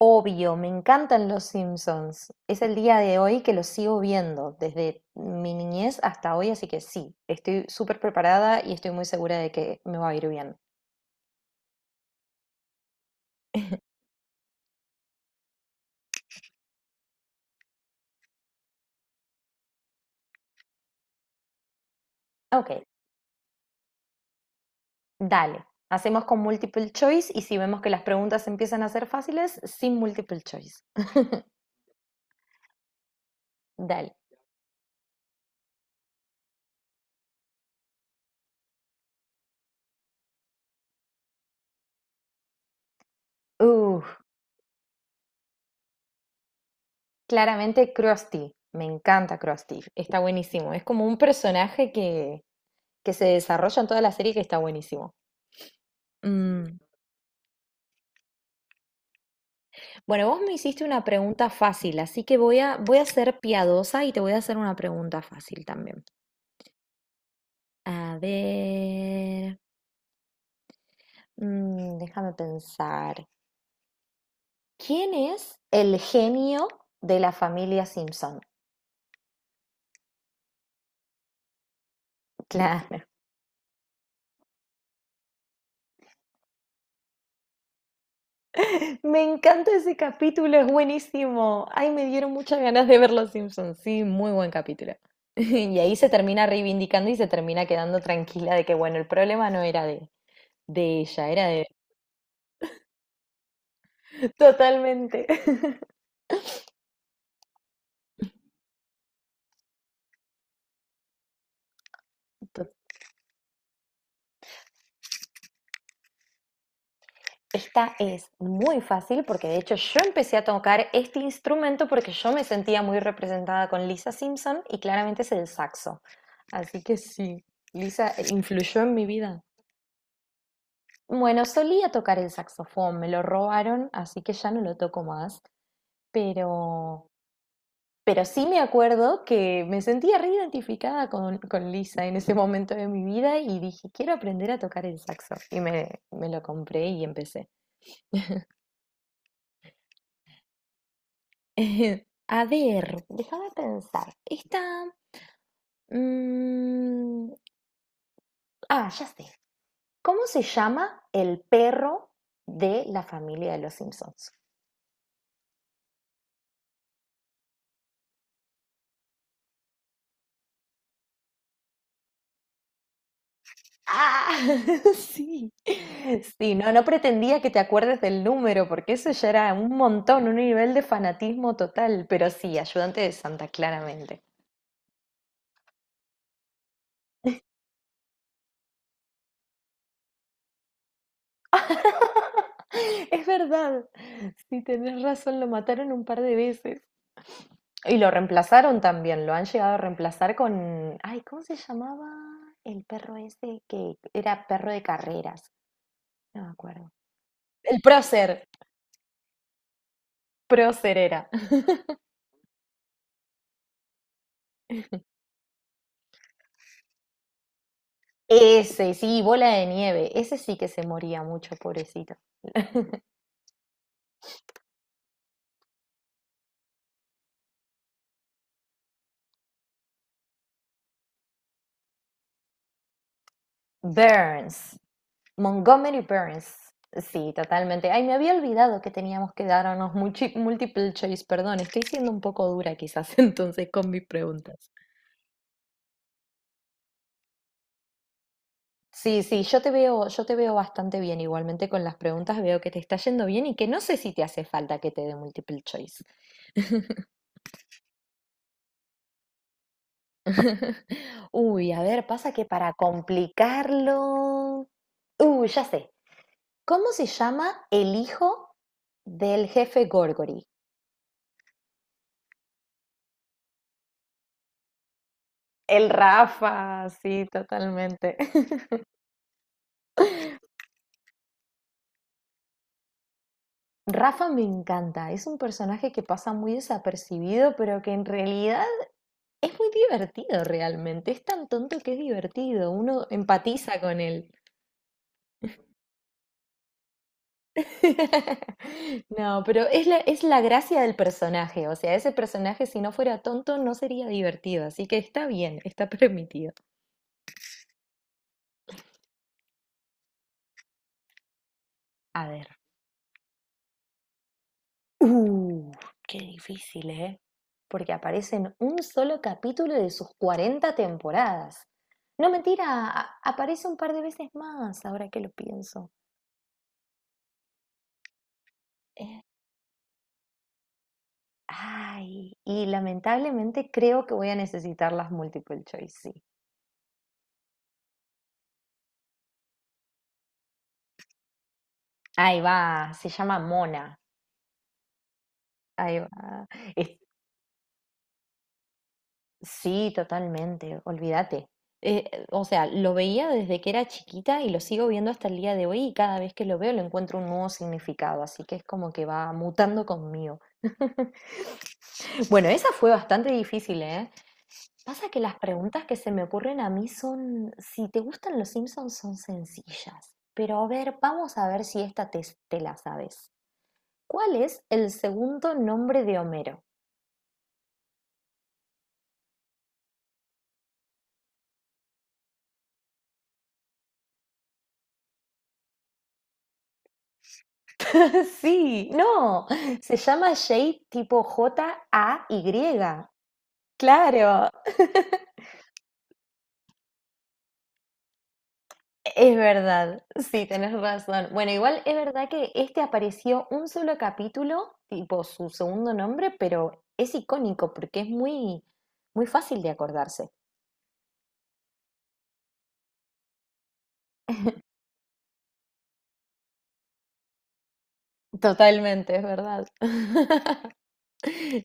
Obvio, me encantan Los Simpsons. Es el día de hoy que los sigo viendo, desde mi niñez hasta hoy, así que sí, estoy súper preparada y estoy muy segura de que me va a ir bien. Ok, dale. Hacemos con multiple choice y si vemos que las preguntas empiezan a ser fáciles, sin multiple choice. Dale. Uh, Claramente Krusty. Me encanta Krusty. Está buenísimo. Es como un personaje que se desarrolla en toda la serie que está buenísimo. Mm, Bueno, vos me hiciste una pregunta fácil, así que voy a ser piadosa y te voy a hacer una pregunta fácil también. A ver, déjame pensar. ¿Quién es el genio de la familia Simpson? Claro. Me encanta ese capítulo, es buenísimo. Ay, me dieron muchas ganas de ver Los Simpsons. Sí, muy buen capítulo. Y ahí se termina reivindicando y se termina quedando tranquila de que, bueno, el problema no era de ella, era de... Totalmente. Esta es muy fácil porque de hecho yo empecé a tocar este instrumento porque yo me sentía muy representada con Lisa Simpson y claramente es el saxo. Así que sí, Lisa influyó en mi vida. Bueno, solía tocar el saxofón, me lo robaron, así que ya no lo toco más, pero, pero sí me acuerdo que me sentía reidentificada con Lisa en ese momento de mi vida y dije, quiero aprender a tocar el saxo. Y me lo compré y empecé. A ver, déjame pensar. Esta... mm, ah, ya sé. ¿Cómo se llama el perro de la familia de los Simpsons? Ah, sí. Sí, no, no pretendía que te acuerdes del número, porque eso ya era un montón, un nivel de fanatismo total, pero sí, ayudante de Santa, claramente. Es verdad. Sí, tenés razón, lo mataron un par de veces. Y lo reemplazaron también, lo han llegado a reemplazar con, ay, ¿cómo se llamaba el perro ese que era perro de carreras? No me acuerdo. El prócer era. Ese, sí, bola de nieve, ese sí que se moría mucho, pobrecito. Burns, Montgomery Burns. Sí, totalmente. Ay, me había olvidado que teníamos que darnos multiple choice, perdón, estoy siendo un poco dura quizás entonces con mis preguntas. Sí, sí, yo te veo bastante bien. Igualmente con las preguntas veo que te está yendo bien y que no sé si te hace falta que te dé multiple choice. Uy, a ver, pasa que para complicarlo. Uy, ya sé. ¿Cómo se llama el hijo del jefe Gorgory? El Rafa, sí, totalmente. Rafa me encanta, es un personaje que pasa muy desapercibido, pero que en realidad es muy divertido realmente, es tan tonto que es divertido, uno empatiza con él. No, pero es la gracia del personaje, o sea, ese personaje si no fuera tonto no sería divertido, así que está bien, está permitido. A ver. Uh, Qué difícil, ¿eh? Porque aparece en un solo capítulo de sus 40 temporadas. No, mentira, aparece un par de veces más, ahora que lo pienso. Ay, y lamentablemente creo que voy a necesitar las multiple choice, sí. Ahí va, se llama Mona. Ahí va. Es- sí, totalmente, olvídate. O sea, lo veía desde que era chiquita y lo sigo viendo hasta el día de hoy y cada vez que lo veo le encuentro un nuevo significado, así que es como que va mutando conmigo. Bueno, esa fue bastante difícil, ¿eh? Pasa que las preguntas que se me ocurren a mí son, si te gustan los Simpsons, son sencillas. Pero a ver, vamos a ver si esta te, te la sabes. ¿Cuál es el segundo nombre de Homero? Sí, no, se llama Jay tipo Jay. Claro, es verdad, sí, tenés razón. Bueno, igual es verdad que este apareció un solo capítulo, tipo su segundo nombre, pero es icónico porque es muy, muy fácil de acordarse. Totalmente, es verdad.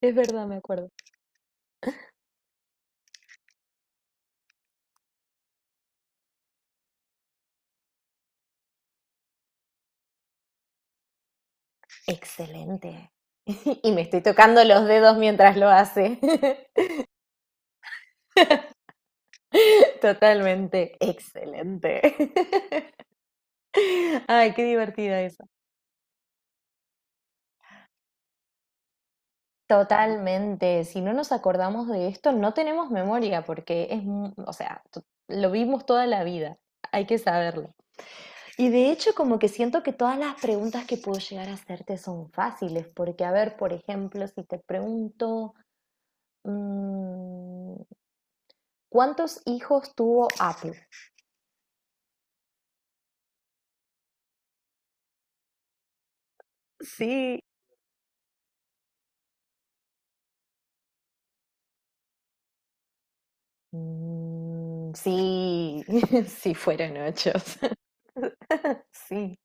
Es verdad, me acuerdo. Excelente. Y me estoy tocando los dedos mientras lo hace. Totalmente. Excelente. Ay, qué divertida esa. Totalmente. Si no nos acordamos de esto, no tenemos memoria porque es, o sea, lo vimos toda la vida. Hay que saberlo. Y de hecho, como que siento que todas las preguntas que puedo llegar a hacerte son fáciles, porque a ver, por ejemplo, si te pregunto... Mm, ¿cuántos hijos tuvo Apple? Sí, sí, sí fueron 8. Sí.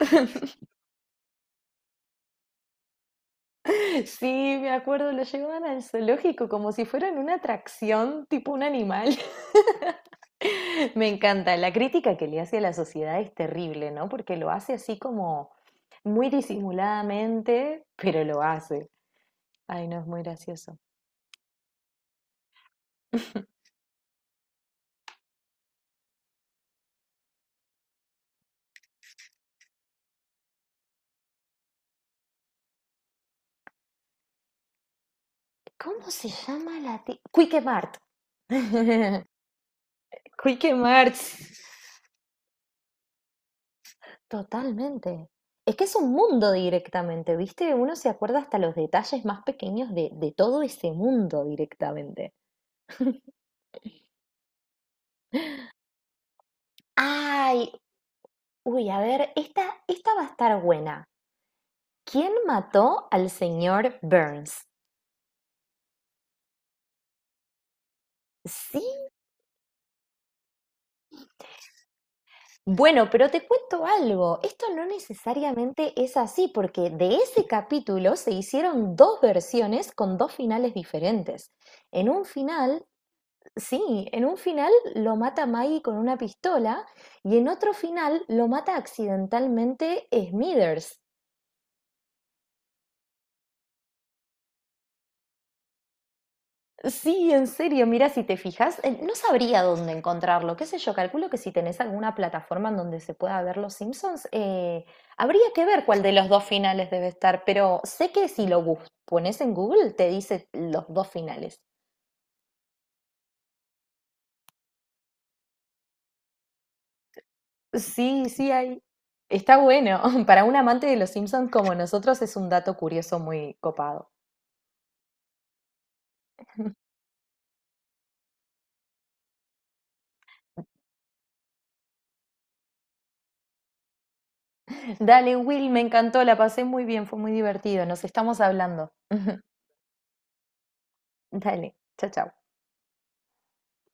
Sí, me acuerdo, lo llevaban al zoológico como si fueran una atracción, tipo un animal. Me encanta. La crítica que le hace a la sociedad es terrible, ¿no? Porque lo hace así como muy disimuladamente, pero lo hace. Ay, no, es muy gracioso. ¿Cómo se llama la tienda? Quique Mart. Quique Mart. Totalmente. Es que es un mundo directamente, ¿viste? Uno se acuerda hasta los detalles más pequeños de todo ese mundo directamente. Ay, uy, a ver, esta va a estar buena. ¿Quién mató al señor Burns? Sí. Bueno, pero te cuento algo, esto no necesariamente es así, porque de ese capítulo se hicieron dos versiones con dos finales diferentes. En un final, sí, en un final lo mata Maggie con una pistola y en otro final lo mata accidentalmente Smithers. Sí, en serio, mira, si te fijas, no sabría dónde encontrarlo, qué sé yo, calculo que si tenés alguna plataforma en donde se pueda ver Los Simpsons, habría que ver cuál de los dos finales debe estar, pero sé que si pones en Google te dice los dos finales. Sí, sí, hay. Está bueno. Para un amante de Los Simpsons como nosotros es un dato curioso muy copado. Dale, Will, me encantó, la pasé muy bien, fue muy divertido, nos estamos hablando. Dale, chao, chao.